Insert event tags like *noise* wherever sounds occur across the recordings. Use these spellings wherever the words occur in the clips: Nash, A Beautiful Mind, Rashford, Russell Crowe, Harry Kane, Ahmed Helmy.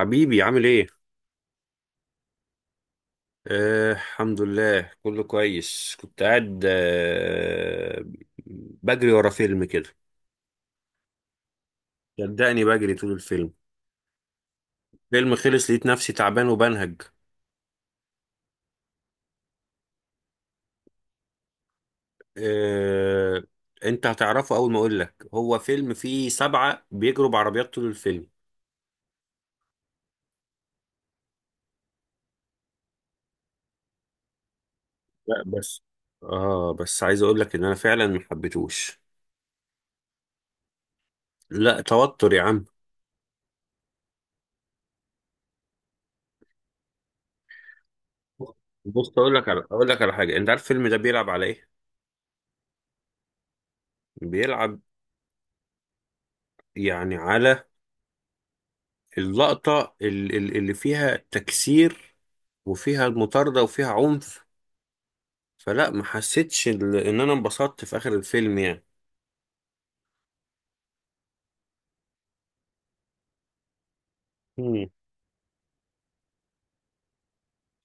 حبيبي، عامل ايه؟ الحمد لله كله كويس. كنت قاعد بجري ورا فيلم كده. صدقني بجري طول الفيلم. فيلم خلص لقيت نفسي تعبان وبنهج. آه، انت هتعرفه اول ما اقول لك. هو فيلم فيه سبعة بيجروا بعربيات طول الفيلم. لا بس. اه بس عايز اقول لك ان انا فعلا ما حبيتهوش. لا توتر يا عم. بص، اقول لك على حاجة. انت عارف الفيلم ده بيلعب على ايه؟ بيلعب يعني على اللقطة اللي فيها تكسير، وفيها المطاردة وفيها عنف. فلا ما حسيتش ان انا انبسطت في اخر الفيلم يعني. مم.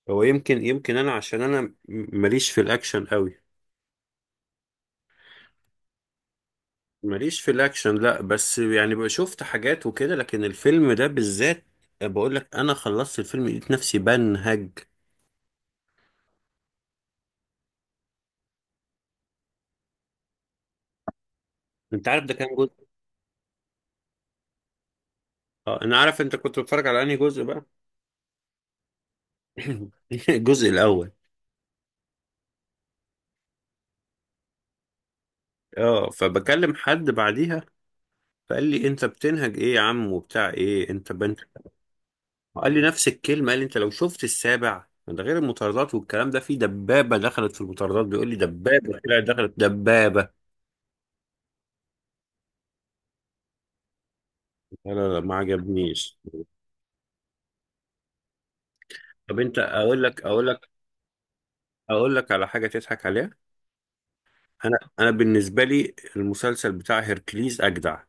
هو يمكن انا عشان انا ماليش في الاكشن قوي. ماليش في الاكشن، لا بس يعني بقى شفت حاجات وكده، لكن الفيلم ده بالذات، بقول لك، انا خلصت الفيلم لقيت نفسي بنهج. انت عارف ده كام جزء؟ اه، انا عارف. انت كنت بتتفرج على انهي جزء بقى؟ *clears throat* *laughs* الجزء الاول. اه، فبكلم حد بعديها، فقال لي انت بتنهج ايه يا عم وبتاع ايه انت بنت؟ قال لي نفس الكلمه. قال لي انت لو شفت السابع ده غير المطاردات والكلام ده، في دبابه دخلت في المطاردات، بيقول لي دبابه طلعت دخلت دبابه. لا لا لا، ما عجبنيش. طب انت، اقول لك على حاجه تضحك عليها. انا بالنسبه لي المسلسل بتاع هيركليز اجدع.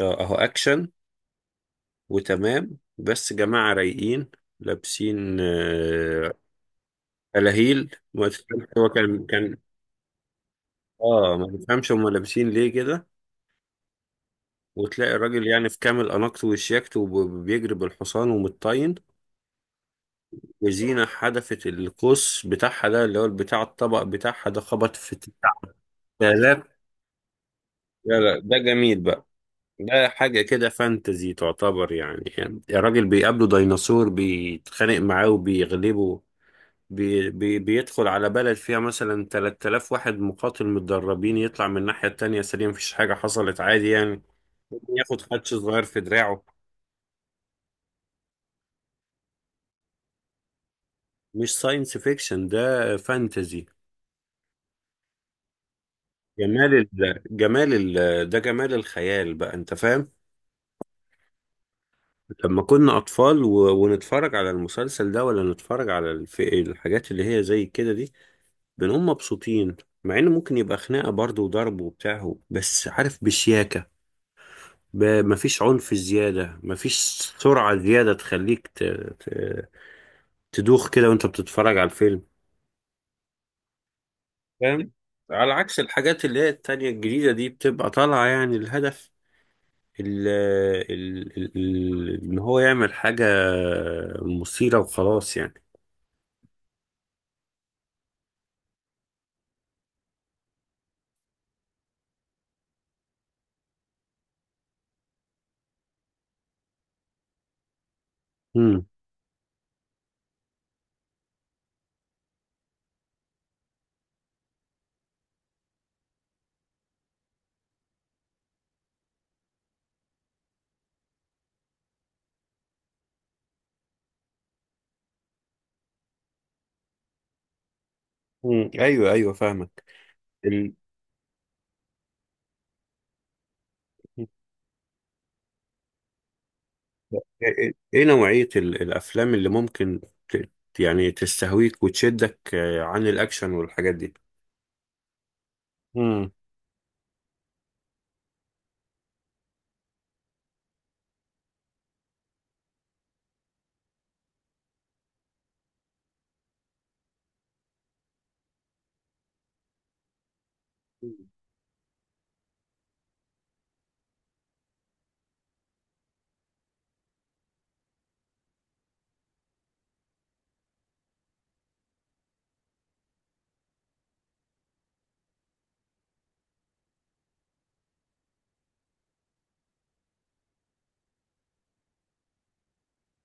اه، اهو اكشن وتمام، بس جماعه رايقين لابسين، آه، فلاهيل ما تفهمش. هو كان اه، ما تفهمش هم لابسين ليه كده. وتلاقي الراجل يعني في كامل أناقته وشياكته، وبيجري بالحصان ومتطين، وزينة حدفت القوس بتاعها ده اللي هو بتاع الطبق بتاعها ده، خبط في 9000. لا لا، ده جميل بقى. ده حاجة كده فانتزي تعتبر يعني، الراجل بيقابله ديناصور بيتخانق معاه وبيغلبه. بي بي بيدخل على بلد فيها مثلا 3000 واحد مقاتل متدربين، يطلع من الناحية التانية سليم، مفيش حاجة حصلت عادي يعني. ممكن ياخد حدش صغير في دراعه. مش ساينس فيكشن، ده فانتزي. جمال ال... ده جمال الخيال بقى، انت فاهم؟ لما كنا اطفال ونتفرج على المسلسل ده، ولا نتفرج على الحاجات اللي هي زي كده دي، بنقوم مبسوطين. مع ان ممكن يبقى خناقه برضه وضرب وبتاع، بس عارف بشياكه. مفيش عنف زياده، مفيش سرعه زياده تخليك ت... تدوخ كده وانت بتتفرج على الفيلم. فاهم؟ على عكس الحاجات اللي هي التانية الجديدة دي، بتبقى طالعة يعني الهدف ان هو يعمل حاجة مثيرة وخلاص يعني. مم. مم. ايوه ايوه، فاهمك. ال... ايه إيه، إيه نوعية الافلام اللي ممكن ت... يعني تستهويك وتشدك، آه، عن الاكشن والحاجات دي؟ مم.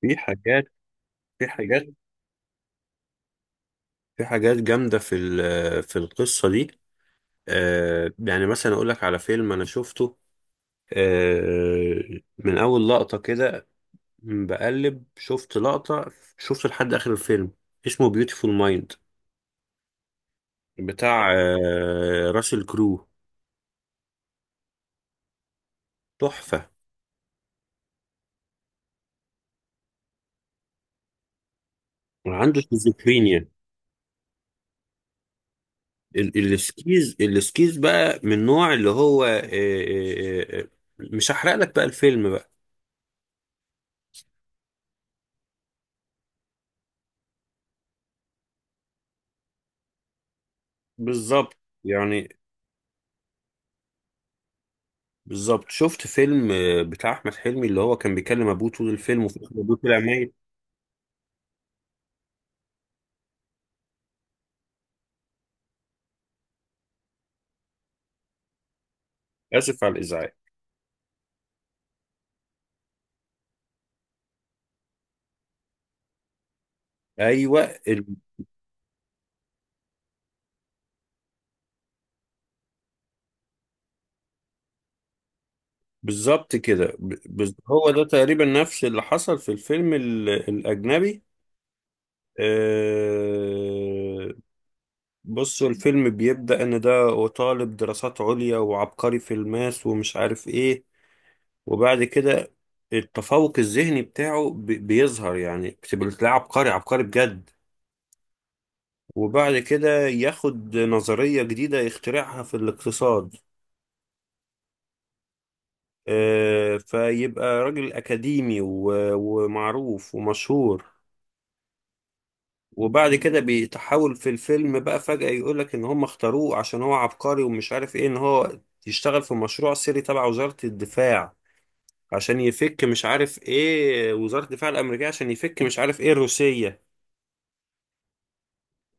في حاجات في حاجات في حاجات جامدة في في القصة دي. آه، يعني مثلا أقول لك على فيلم أنا شفته، آه، من أول لقطة كده. بقلب شفت لقطة شفت لحد آخر الفيلم. اسمه بيوتيفول مايند، بتاع راسل كرو. تحفة. وعنده شيزوفرينيا. السكيز بقى من نوع اللي هو مش هحرق لك بقى الفيلم بقى. بالظبط يعني. بالظبط، شفت فيلم بتاع أحمد حلمي اللي هو كان بيكلم أبوه طول الفيلم وفي الآخر أبوه طلع ميت. آسف على الإزعاج. أيوه، بالظبط كده. هو ده تقريبا نفس اللي حصل في الفيلم الأجنبي. آه، بصوا، الفيلم بيبدأ إن ده طالب دراسات عليا وعبقري في الماس ومش عارف إيه. وبعد كده، التفوق الذهني بتاعه بيظهر يعني، بتبقى تلاقيه عبقري عبقري بجد. وبعد كده ياخد نظرية جديدة يخترعها في الاقتصاد. آه، فيبقى راجل أكاديمي ومعروف ومشهور. وبعد كده بيتحول في الفيلم بقى فجأة، يقولك ان هم اختاروه عشان هو عبقري ومش عارف ايه، ان هو يشتغل في مشروع سري تبع وزارة الدفاع عشان يفك مش عارف ايه وزارة الدفاع الأمريكية، عشان يفك مش عارف ايه الروسية.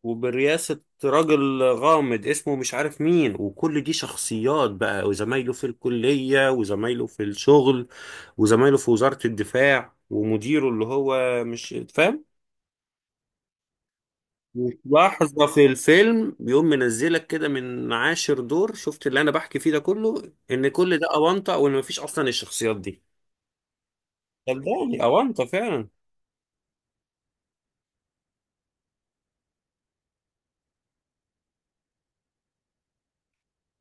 وبرئاسة راجل غامض اسمه مش عارف مين، وكل دي شخصيات بقى، وزمايله في الكلية وزمايله في الشغل وزمايله في وزارة الدفاع ومديره اللي هو مش فاهم. وفي لحظة في الفيلم بيقوم منزلك كده من عاشر دور، شفت اللي انا بحكي فيه ده كله، ان كل ده اونطه وان مفيش اصلا الشخصيات دي. صدقني اونطه فعلا.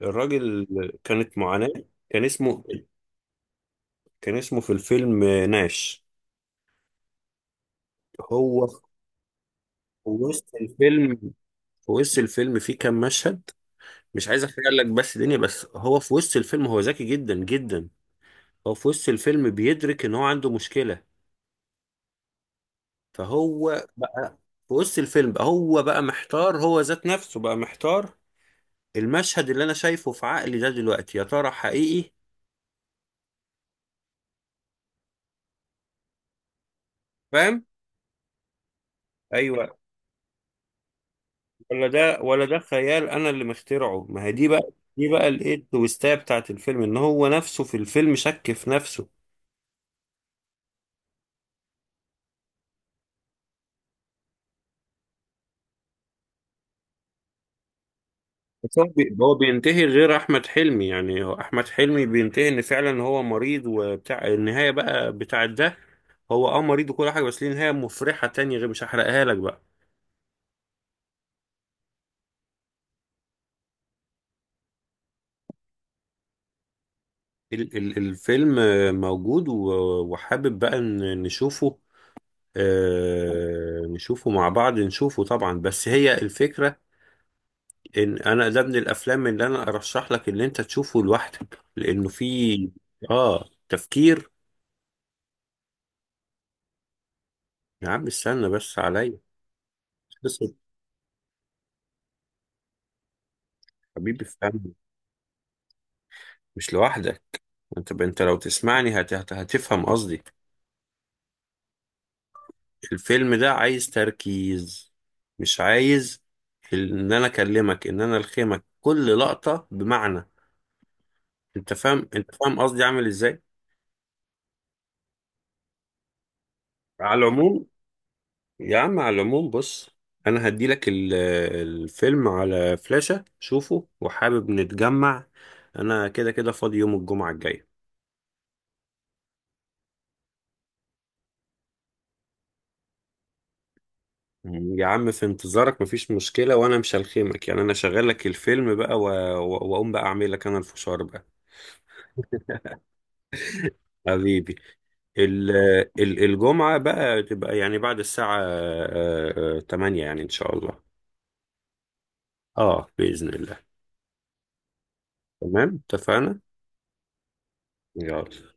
الراجل كانت معاناة. كان اسمه كان اسمه في الفيلم ناش. هو وسط الفيلم في وسط الفيلم في كام مشهد، مش عايز احرق لك بس دنيا، بس هو في وسط الفيلم هو ذكي جدا جدا. هو في وسط الفيلم بيدرك ان هو عنده مشكلة. فهو بقى في وسط الفيلم بقى هو بقى محتار، هو ذات نفسه بقى محتار. المشهد اللي انا شايفه في عقلي ده دلوقتي، يا ترى حقيقي؟ فاهم؟ ايوه، ولا ده ولا ده خيال انا اللي مخترعه، ما هي دي بقى، دي بقى الايه التويستايه بتاعت الفيلم، ان هو نفسه في الفيلم شك في نفسه. بس هو هو بينتهي غير احمد حلمي يعني. هو احمد حلمي بينتهي ان فعلا هو مريض وبتاع النهايه بقى بتاعت ده. هو مريض وكل حاجه، بس ليه نهايه مفرحه تانية غير، مش هحرقها لك بقى. الفيلم موجود، وحابب بقى نشوفه. آه، نشوفه مع بعض، نشوفه طبعا، بس هي الفكرة ان انا ده من الافلام اللي انا ارشح لك ان انت تشوفه لوحدك، لانه فيه اه تفكير. يا عم استنى بس عليا. بس، حبيبي افهمني. مش لوحدك. انت لو تسمعني هتفهم قصدي. الفيلم ده عايز تركيز، مش عايز ان انا اكلمك ان انا الخمك كل لقطة بمعنى. انت فاهم، انت فاهم قصدي عامل ازاي؟ على العموم، يا عم، على العموم، بص، انا هديلك الفيلم على فلاشة، شوفه وحابب نتجمع. انا كده كده فاضي يوم الجمعة الجاية. يا عم في انتظارك، مفيش مشكلة، وانا مش هلخيمك يعني، انا شغال لك الفيلم بقى واقوم بقى اعمل لك انا الفشار بقى. حبيبي، ال- الجمعة بقى تبقى يعني بعد الساعة 8 يعني ان شاء الله. اه، بإذن الله. تمام اتفقنا. يلا.